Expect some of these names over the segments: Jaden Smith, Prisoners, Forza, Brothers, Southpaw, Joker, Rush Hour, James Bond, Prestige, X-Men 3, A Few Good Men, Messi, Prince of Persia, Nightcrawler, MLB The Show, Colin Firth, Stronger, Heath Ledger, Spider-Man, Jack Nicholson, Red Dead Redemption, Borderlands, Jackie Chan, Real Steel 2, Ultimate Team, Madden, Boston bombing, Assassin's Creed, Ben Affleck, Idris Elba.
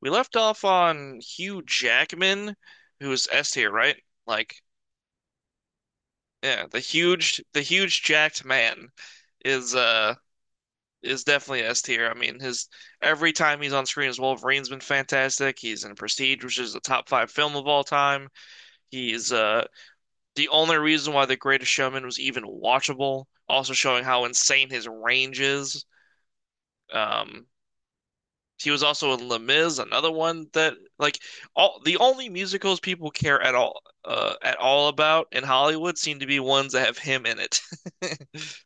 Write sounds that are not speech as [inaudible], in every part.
We left off on Hugh Jackman, who's S tier, right? Like, yeah, the huge, jacked man is uh is definitely S tier. I mean, his every time he's on screen as Wolverine's been fantastic. He's in Prestige, which is a top five film of all time. He's the only reason why The Greatest Showman was even watchable, also showing how insane his range is. Um, He was also in Les Mis, another one that like all the only musicals people care at all about in Hollywood seem to be ones that have him in it. [laughs]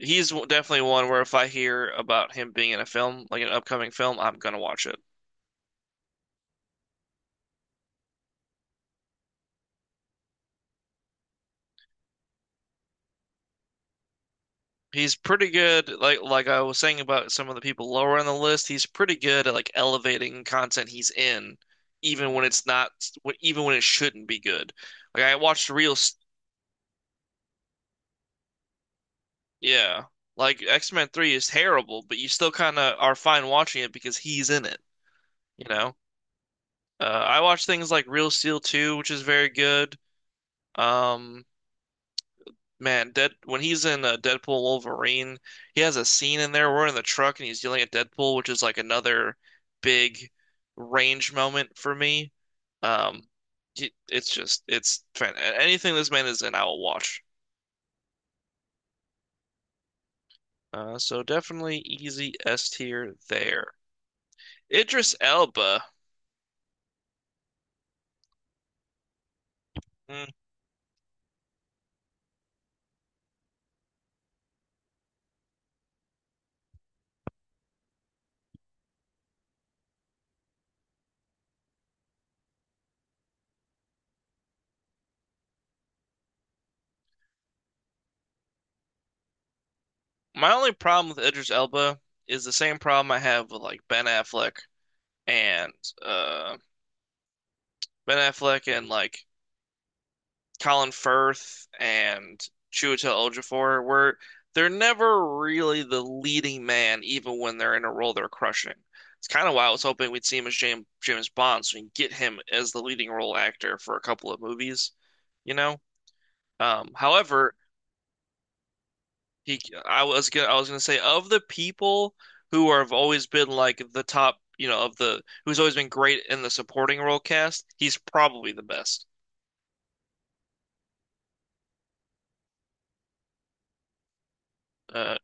He's definitely one where if I hear about him being in a film, like an upcoming film, I'm gonna watch it. He's pretty good, like I was saying about some of the people lower on the list. He's pretty good at like elevating content he's in, even when it's not, even when it shouldn't be good. Like I watched Real Yeah. Like X-Men 3 is terrible, but you still kind of are fine watching it because he's in it, you know? I watch things like Real Steel 2, which is very good. Um, Man, Dead when he's in Deadpool Wolverine, he has a scene in there. We're in the truck and he's yelling at Deadpool, which is like another big range moment for me. Um, it's just, it's fan anything this man is in, I will watch. So definitely easy S tier there. Idris Elba. Hmm. My only problem with Idris Elba is the same problem I have with like Ben Affleck and uh and like Colin Firth and Chiwetel Ejiofor, where they're never really the leading man, even when they're in a role they're crushing. It's kind of why I was hoping we'd see him as James Bond, so we can get him as the leading role actor for a couple of movies, you know. However, He, I was gonna say of the people who are, have always been like the top, you know, of the who's always been great in the supporting role cast. He's probably the best. Uh,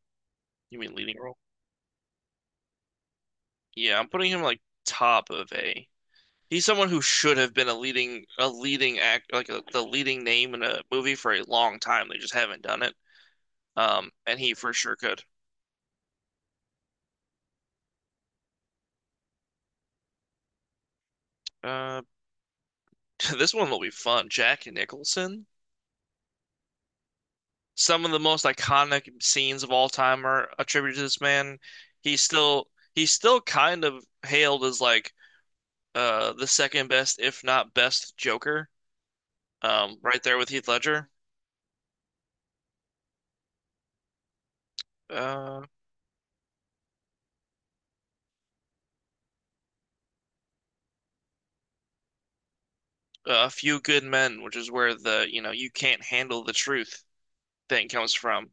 you mean leading role? Yeah, I'm putting him like top of A. He's someone who should have been a leading act, like a, the leading name in a movie for a long time. They just haven't done it. And he for sure could. Uh, [laughs] this one will be fun. Jack Nicholson. Some of the most iconic scenes of all time are attributed to this man. He's still he's still kind of hailed as like the second best, if not best, Joker. Right there with Heath Ledger. Uh, A Few Good Men, which is where the "you know you can't handle the truth" thing comes from.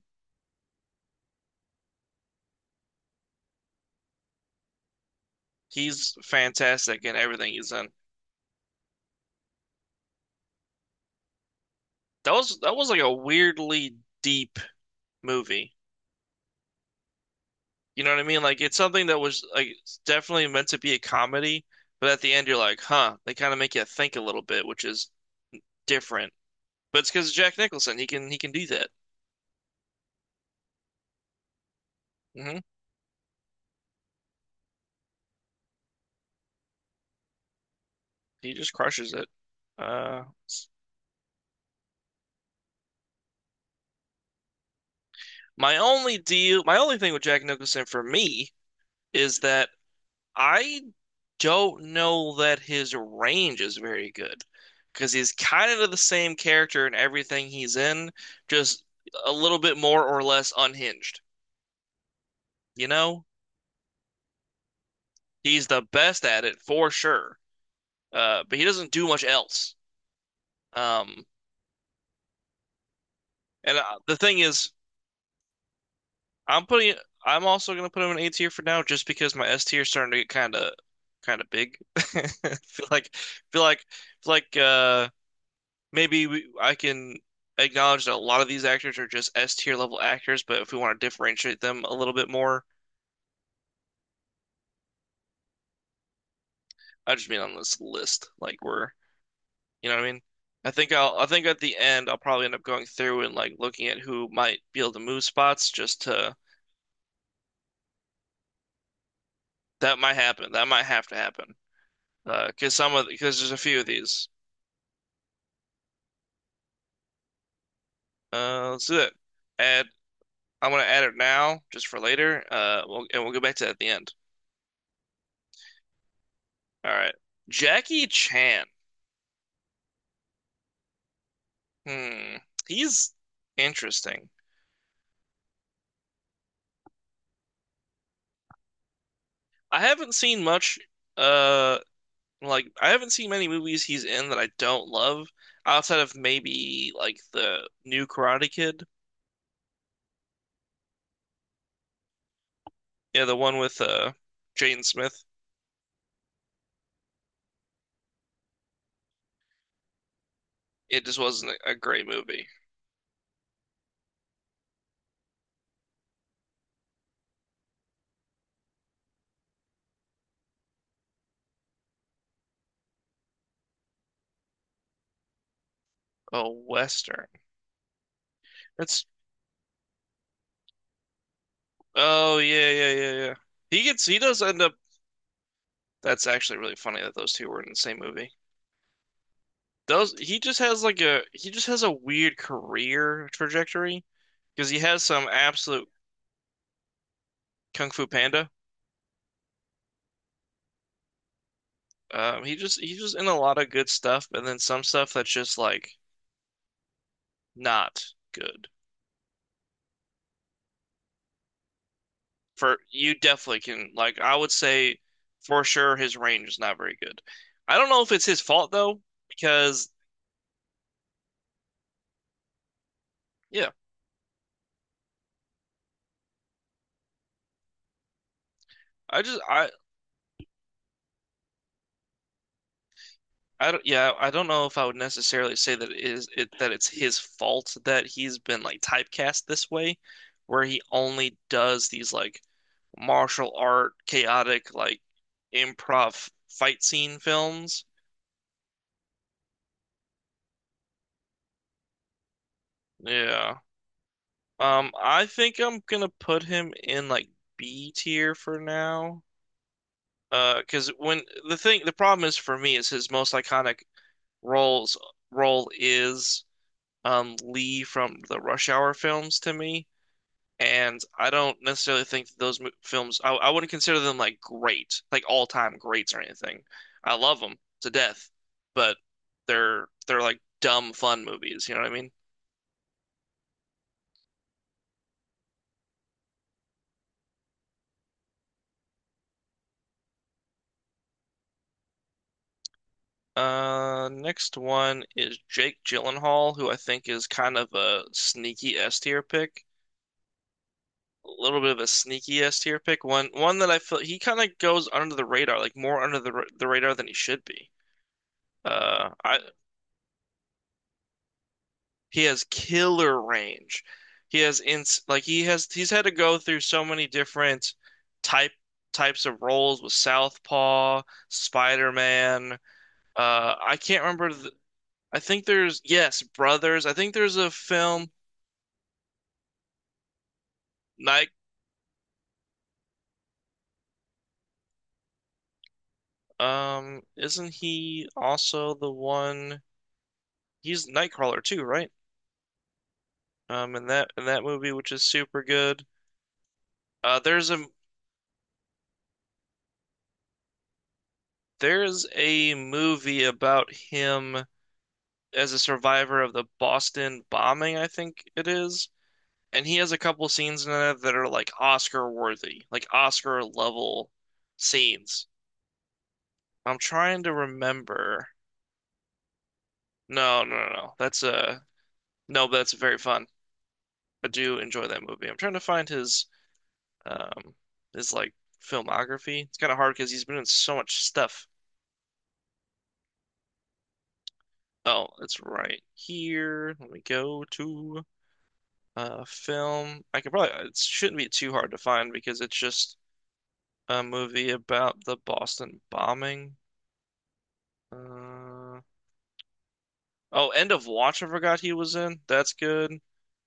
He's fantastic in everything he's in. That was like a weirdly deep movie. You know what I mean? Like it's something that was like it's definitely meant to be a comedy, but at the end you're like, huh, they kind of make you think a little bit, which is different. But it's because Jack Nicholson, he can do that. Hmm. He just crushes it. Uh, my only thing with Jack Nicholson for me is that I don't know that his range is very good because he's kind of the same character in everything he's in, just a little bit more or less unhinged, you know? He's the best at it for sure. But he doesn't do much else. Um, and the thing is, I'm putting I'm also gonna put him in A tier for now, just because my S tier is starting to get kind of big. [laughs] Feel like feel like I can acknowledge that a lot of these actors are just S tier level actors, but if we want to differentiate them a little bit more, I just mean on this list, like we're you know what I mean? I think at the end I'll probably end up going through and like looking at who might be able to move spots. Just to That might happen. That might have to happen. Cause some of Because there's a few of these. Let's do that. Add I'm gonna add it now just for later. And we'll go back to that at the end. All right. Jackie Chan. Hmm. He's interesting. I haven't seen much. uh Like, I haven't seen many movies he's in that I don't love outside of maybe like the new Karate Kid. Yeah, the one with Jaden Smith. It just wasn't a great movie. Oh, Western. It's Oh yeah, yeah, yeah, yeah. He gets he does end up That's actually really funny that those two were in the same movie. Those He just has a weird career trajectory because he has some absolute Kung Fu Panda. He's just in a lot of good stuff and then some stuff that's just like not good. For You definitely can. Like, I would say for sure his range is not very good. I don't know if it's his fault though, because yeah, I just I don't yeah, I don't know if I would necessarily say that it is it that it's his fault that he's been like typecast this way, where he only does these like martial art chaotic like improv fight scene films. Yeah. I think I'm gonna put him in like B tier for now. 'Cause when the thing, The problem is for me is his most iconic roles role is Lee from the Rush Hour films to me, and I don't necessarily think that those films I wouldn't consider them like great, like all-time greats or anything. I love them to death, but they're like dumb fun movies, you know what I mean? Next one is Jake Gyllenhaal, who I think is kind of a sneaky S tier pick, a little bit of a sneaky S tier pick. One that I feel he kind of goes under the radar, like more under the radar than he should be. I He has killer range. He has ins like he has He's had to go through so many different type types of roles with Southpaw, Spider-Man. I can't remember I think there's, yes, Brothers. I think there's a film, Night. Isn't he also the one? He's Nightcrawler too, right? In that movie, which is super good. Uh, there's a there's a movie about him as a survivor of the Boston bombing, I think it is, and he has a couple scenes in it that are like Oscar worthy, like Oscar level scenes. I'm trying to remember. No, no, no, no. That's a No, but that's very fun. I do enjoy that movie. I'm trying to find um his filmography. It's kind of hard because he's been in so much stuff. Oh, it's right here. Let me go to film. I could probably It shouldn't be too hard to find because it's just a movie about the Boston bombing. Uh oh, End of Watch I forgot he was in. That's good.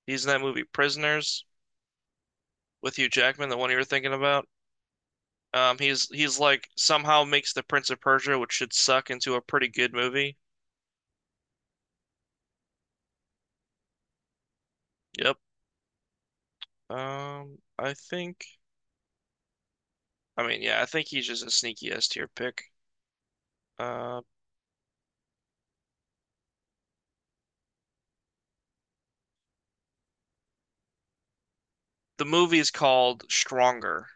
He's in that movie Prisoners with Hugh Jackman, the one you were thinking about. He's like somehow makes the Prince of Persia, which should suck, into a pretty good movie. Yep. I think, I mean, yeah, I think he's just a sneaky S tier pick. Uh, the movie is called Stronger.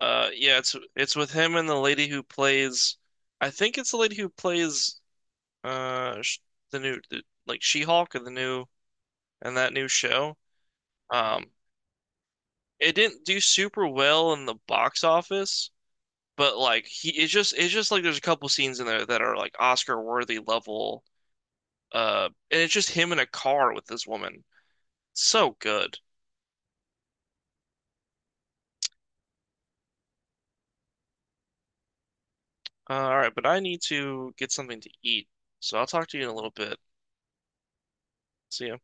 Yeah, it's with him and the lady who plays, I think it's the lady who plays sh the new the, like She-Hulk and the new and that new show. Um, it didn't do super well in the box office, but like he it's just like there's a couple scenes in there that are like Oscar worthy level. And it's just him in a car with this woman. So good. All right, but I need to get something to eat, so I'll talk to you in a little bit. See ya.